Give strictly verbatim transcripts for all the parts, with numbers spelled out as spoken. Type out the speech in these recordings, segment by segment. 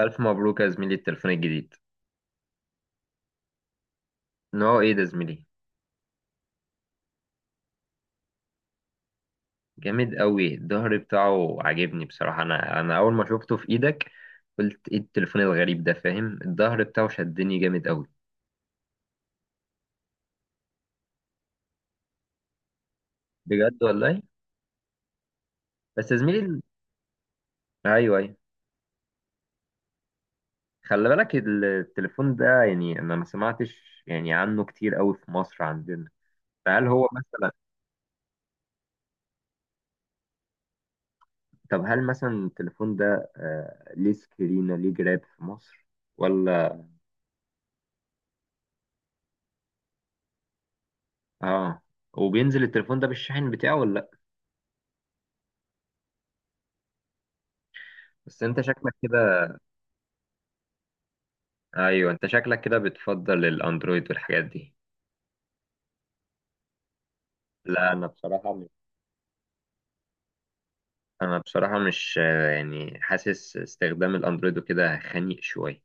ألف مبروك يا زميلي التليفون الجديد. نوعه إيه ده يا زميلي؟ جامد قوي، الظهر بتاعه عاجبني بصراحة. أنا أنا أول ما شفته في إيدك قلت إيه التليفون الغريب ده، فاهم؟ الظهر بتاعه شدني جامد قوي. بجد والله. بس يا زميلي ال- أيوه أيوه. خلي بالك ال- التليفون ده يعني أنا ما سمعتش يعني عنه كتير قوي في مصر عندنا، فهل هو مثلا؟ طب هل مثلا التليفون ده آه، ليه سكرينة، ليه جراب في مصر ولا؟ آه. وبينزل التليفون ده بالشاحن بتاعه ولا لأ؟ بس انت شكلك كده. ايوه انت شكلك كده بتفضل الاندرويد والحاجات دي. لا انا بصراحه م- انا بصراحه مش آه، يعني حاسس استخدام الاندرويد وكده خنيق شويه.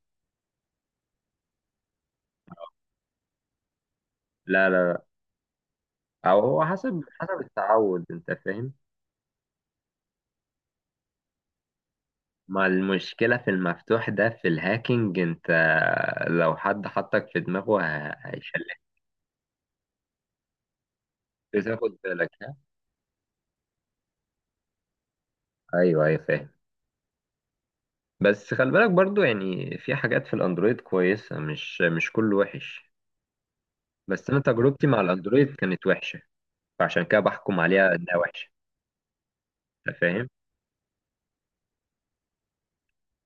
لا لا لا. او هو حسب حسب التعود، انت فاهم. ما المشكله في المفتوح ده في الهاكينج، انت لو حد حطك في دماغه ه- هيشلك. لازم تاخد بالك، ها؟ ايوه ايوه، فاهم. بس خلي بالك برضو، يعني في حاجات في الاندرويد كويسه، مش مش كله وحش. بس انا تجربتي مع الاندرويد كانت وحشه، فعشان كده بحكم عليها انها وحشه. انت فاهم.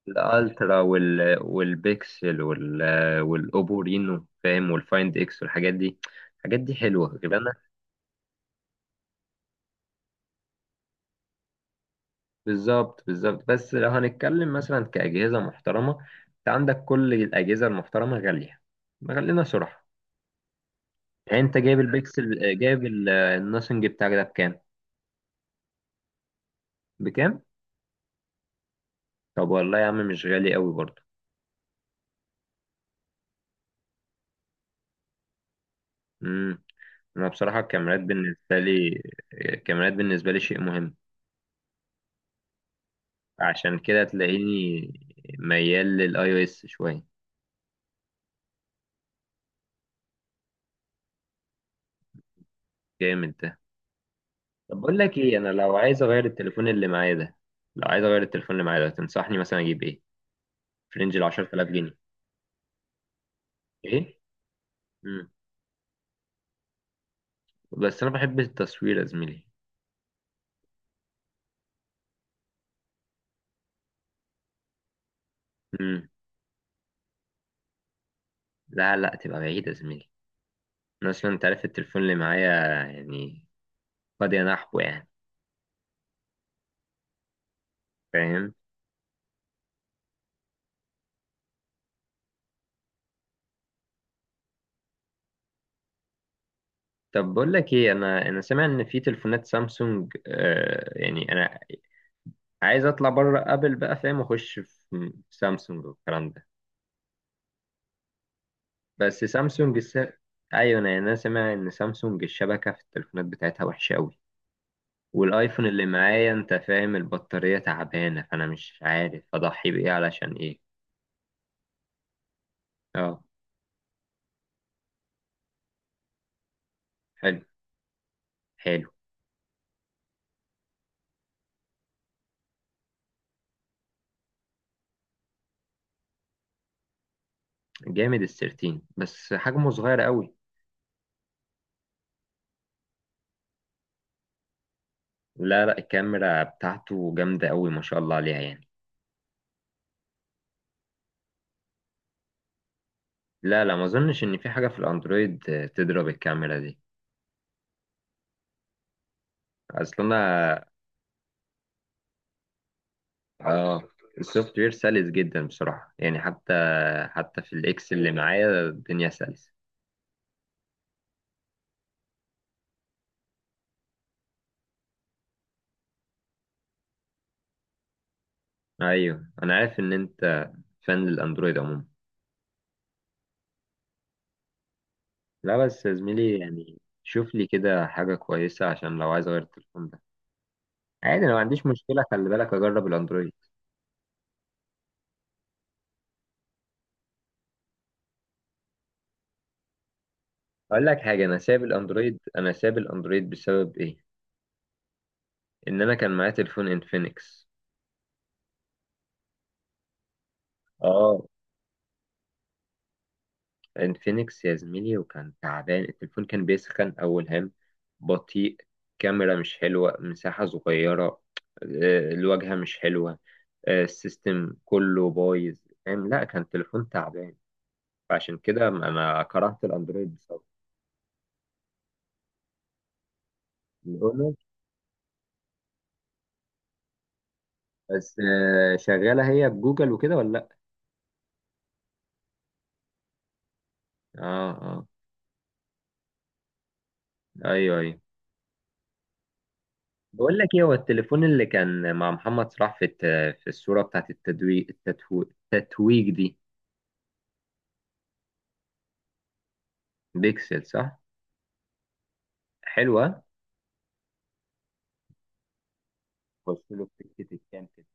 الالترا وال... والبيكسل وال... والاوبو رينو، فاهم، والفايند اكس والحاجات دي. الحاجات دي حلوه غير انا. بالظبط بالظبط، بس لو هنتكلم مثلا كاجهزه محترمه، انت عندك كل الاجهزه المحترمه غاليه، غالينا صراحه. يعني انت جايب البيكسل، جايب ال- الناثينج بتاعك ده بكام؟ بكام؟ طب والله يا عم مش غالي قوي برضه. امم. انا بصراحه الكاميرات بالنسبه لي، الكاميرات بالنسبه لي شيء مهم، عشان كده تلاقيني ميال للاي او اس شويه. جامد ده. طب بقول لك ايه، انا لو عايز اغير التليفون اللي معايا ده، لو عايز اغير التليفون اللي معايا ده، تنصحني مثلا اجيب ايه؟ في رينج ال عشرة آلاف جنيه. ايه. امم. بس انا بحب التصوير يا زميلي. امم. لا لا تبقى بعيد يا زميلي. انا اصلا انت عارف التليفون اللي معايا، يعني قد ينحو يعني، فاهم. طب بقول لك ايه، انا انا سامع ان في تليفونات سامسونج، آه يعني انا عايز اطلع بره ابل بقى، فاهم، واخش في سامسونج والكلام ده. بس سامسونج الس... ايوه انا انا سامع ان سامسونج الشبكه في التليفونات بتاعتها وحشه قوي، والايفون اللي معايا انت فاهم البطاريه تعبانه، فانا مش عارف اضحي بايه علشان ايه. اه. حلو. حلو. جامد السيرتين بس حجمه صغير قوي. لا لا، الكاميرا بتاعته جامده قوي ما شاء الله عليها يعني. لا لا، ما اظنش ان في حاجه في الاندرويد تضرب الكاميرا دي اصلا. اه. السوفت وير سلس جدا بصراحة، يعني حتى حتى في الاكس اللي معايا الدنيا سلسة. ايوه انا عارف ان انت فان للاندرويد عموما. لا بس يا زميلي يعني شوف لي كده حاجة كويسة عشان لو عايز اغير التليفون ده عادي، انا ما عنديش مشكلة، خلي بالك اجرب الاندرويد. اقول لك حاجة، انا ساب الاندرويد انا ساب الاندرويد بسبب ايه؟ ان انا كان معايا تليفون انفينكس. اه. انفينكس يا زميلي، وكان تعبان التليفون، كان بيسخن أول هام، بطيء، كاميرا مش حلوة، مساحة صغيرة، آه، الواجهة مش حلوة، آه، السيستم كله بايظ، فاهم. لا كان تليفون تعبان، فعشان كده ما ما كرهت الأندرويد بسبب الأونر. بس آه، شغالة هي بجوجل وكده ولا لأ؟ اه اه. ايوه ايوه. بقول لك ايه، هو التليفون اللي كان مع محمد صلاح في الت- في الصورة بتاعت التدويج التتويج، التتويج دي؟ بيكسل صح؟ حلوة. بص له في سكه الكام كده.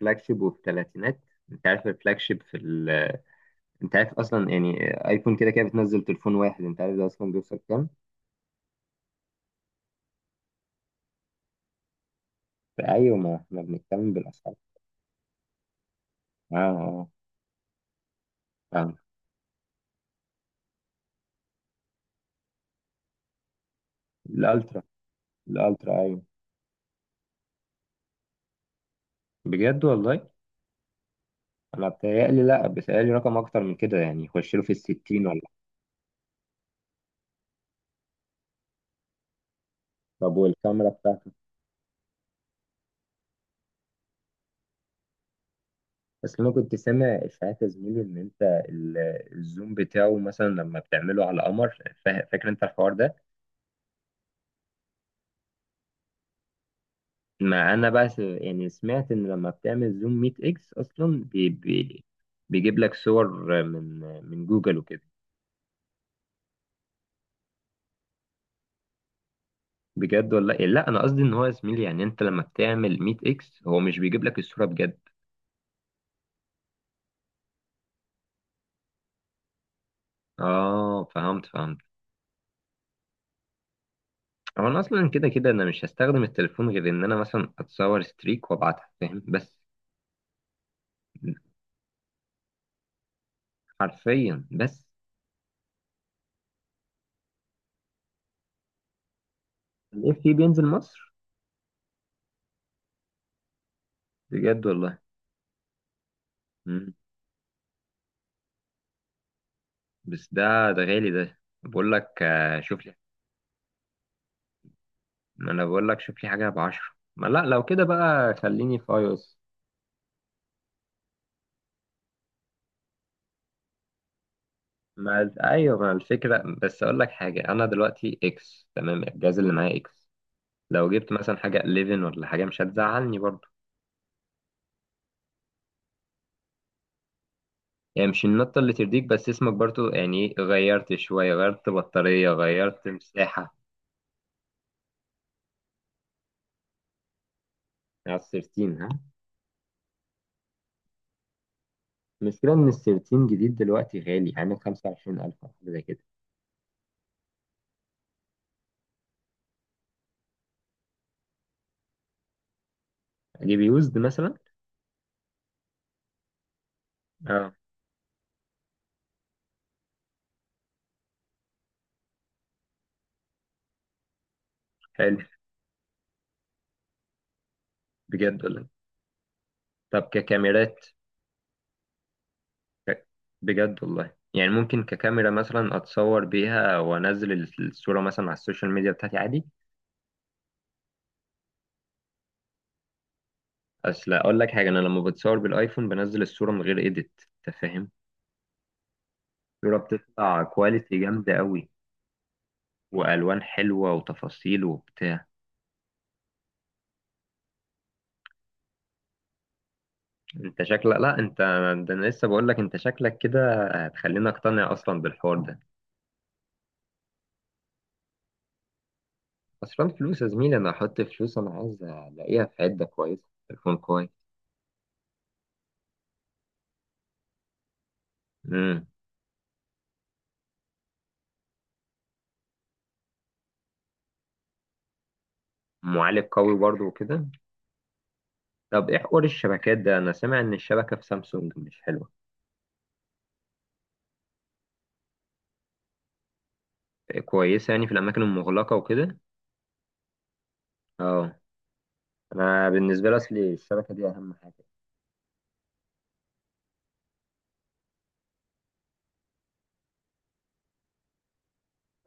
فلاج شيب وفي ثلاثينات. انت عارف الفلاج شيب في ال... انت عارف اصلا يعني، ايفون كده كده بتنزل تليفون واحد، انت عارف ده اصلا بيوصل كام؟ ايوه، ما احنا بنتكلم بالاسعار. اه اه، فاهم. الالترا. الالترا ايوه. بجد والله؟ انا بتهيألي، لا بتهيألي رقم اكتر من كده يعني، يخش له في الستين ولا؟ طب والكاميرا بتاعته؟ بس انا كنت سامع اشاعات يا زميلي ان انت ال- الزوم بتاعه مثلا لما بتعمله على قمر، فا- فاكر انت الحوار ده؟ ما انا بقى س- يعني سمعت ان لما بتعمل زوم 100 اكس اصلا بي بي بيجيب لك صور من من جوجل وكده. بجد ولا إيه؟ لا انا قصدي ان هو يا زميلي يعني انت لما بتعمل 100 اكس هو مش بيجيب لك الصورة بجد. اه فهمت، فهمت هو انا اصلا كده كده انا مش هستخدم التليفون غير ان انا مثلا اتصور ستريك وابعتها، فاهم، بس. حرفيا بس. الاف في بينزل مصر؟ بجد والله؟ مم. بس ده، ده غالي. ده بقول لك آه، شوف لي، ما انا بقول لك شوف لي حاجه بعشرة، ما لا لو كده بقى خليني في اي او اس. ما ايوه، ما الفكره بس، اقول لك حاجه، انا دلوقتي اكس تمام، الجهاز اللي معايا اكس، لو جبت مثلا حاجه حداشر ولا حاجه مش هتزعلني برضو يعني. مش النطه اللي ترضيك، بس اسمك برضو يعني إيه، غيرت شويه، غيرت بطاريه، غيرت مساحه. على ال تلتاشر، ها؟ المشكله ان ال ثلاثة عشر جديد دلوقتي غالي، يعني خمسة وعشرين الف او حاجه زي كده. اجيب يوزد مثلا. اه. حلو. بجد ولا؟ طب ككاميرات ك- بجد والله يعني ممكن ككاميرا مثلا اتصور بيها وانزل الصوره مثلا على السوشيال ميديا بتاعتي عادي؟ اصل اقول لك حاجه، انا لما بتصور بالايفون بنزل الصوره من غير ايديت، انت فاهم. الصوره بتطلع كواليتي جامده قوي، والوان حلوه وتفاصيل وبتاع. انت شكلك، لا انت، ده انا لسه بقول لك انت شكلك كده هتخليني اقتنع اصلا بالحوار ده. اصلا فلوس يا زميلي، انا احط فلوس انا عايز الاقيها في عده كويسه، تليفون كويس. امم. معالج قوي برضه وكده. طب ايه حوار الشبكات ده؟ انا سامع ان الشبكه في سامسونج مش حلوه. إيه، كويسه يعني في الاماكن المغلقه وكده؟ اه. انا بالنسبه لي اصلي الشبكه دي اهم حاجه.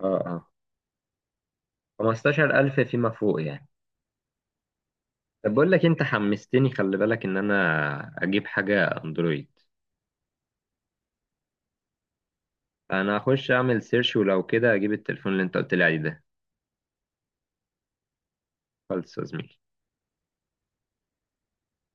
اه اه. خمستاشر الف فيما فوق يعني؟ طب بقول لك، انت حمستني، خلي بالك ان انا اجيب حاجه اندرويد. انا هخش اعمل سيرش، ولو كده اجيب التليفون اللي انت قلت لي عليه ده. خلص يا زميلي.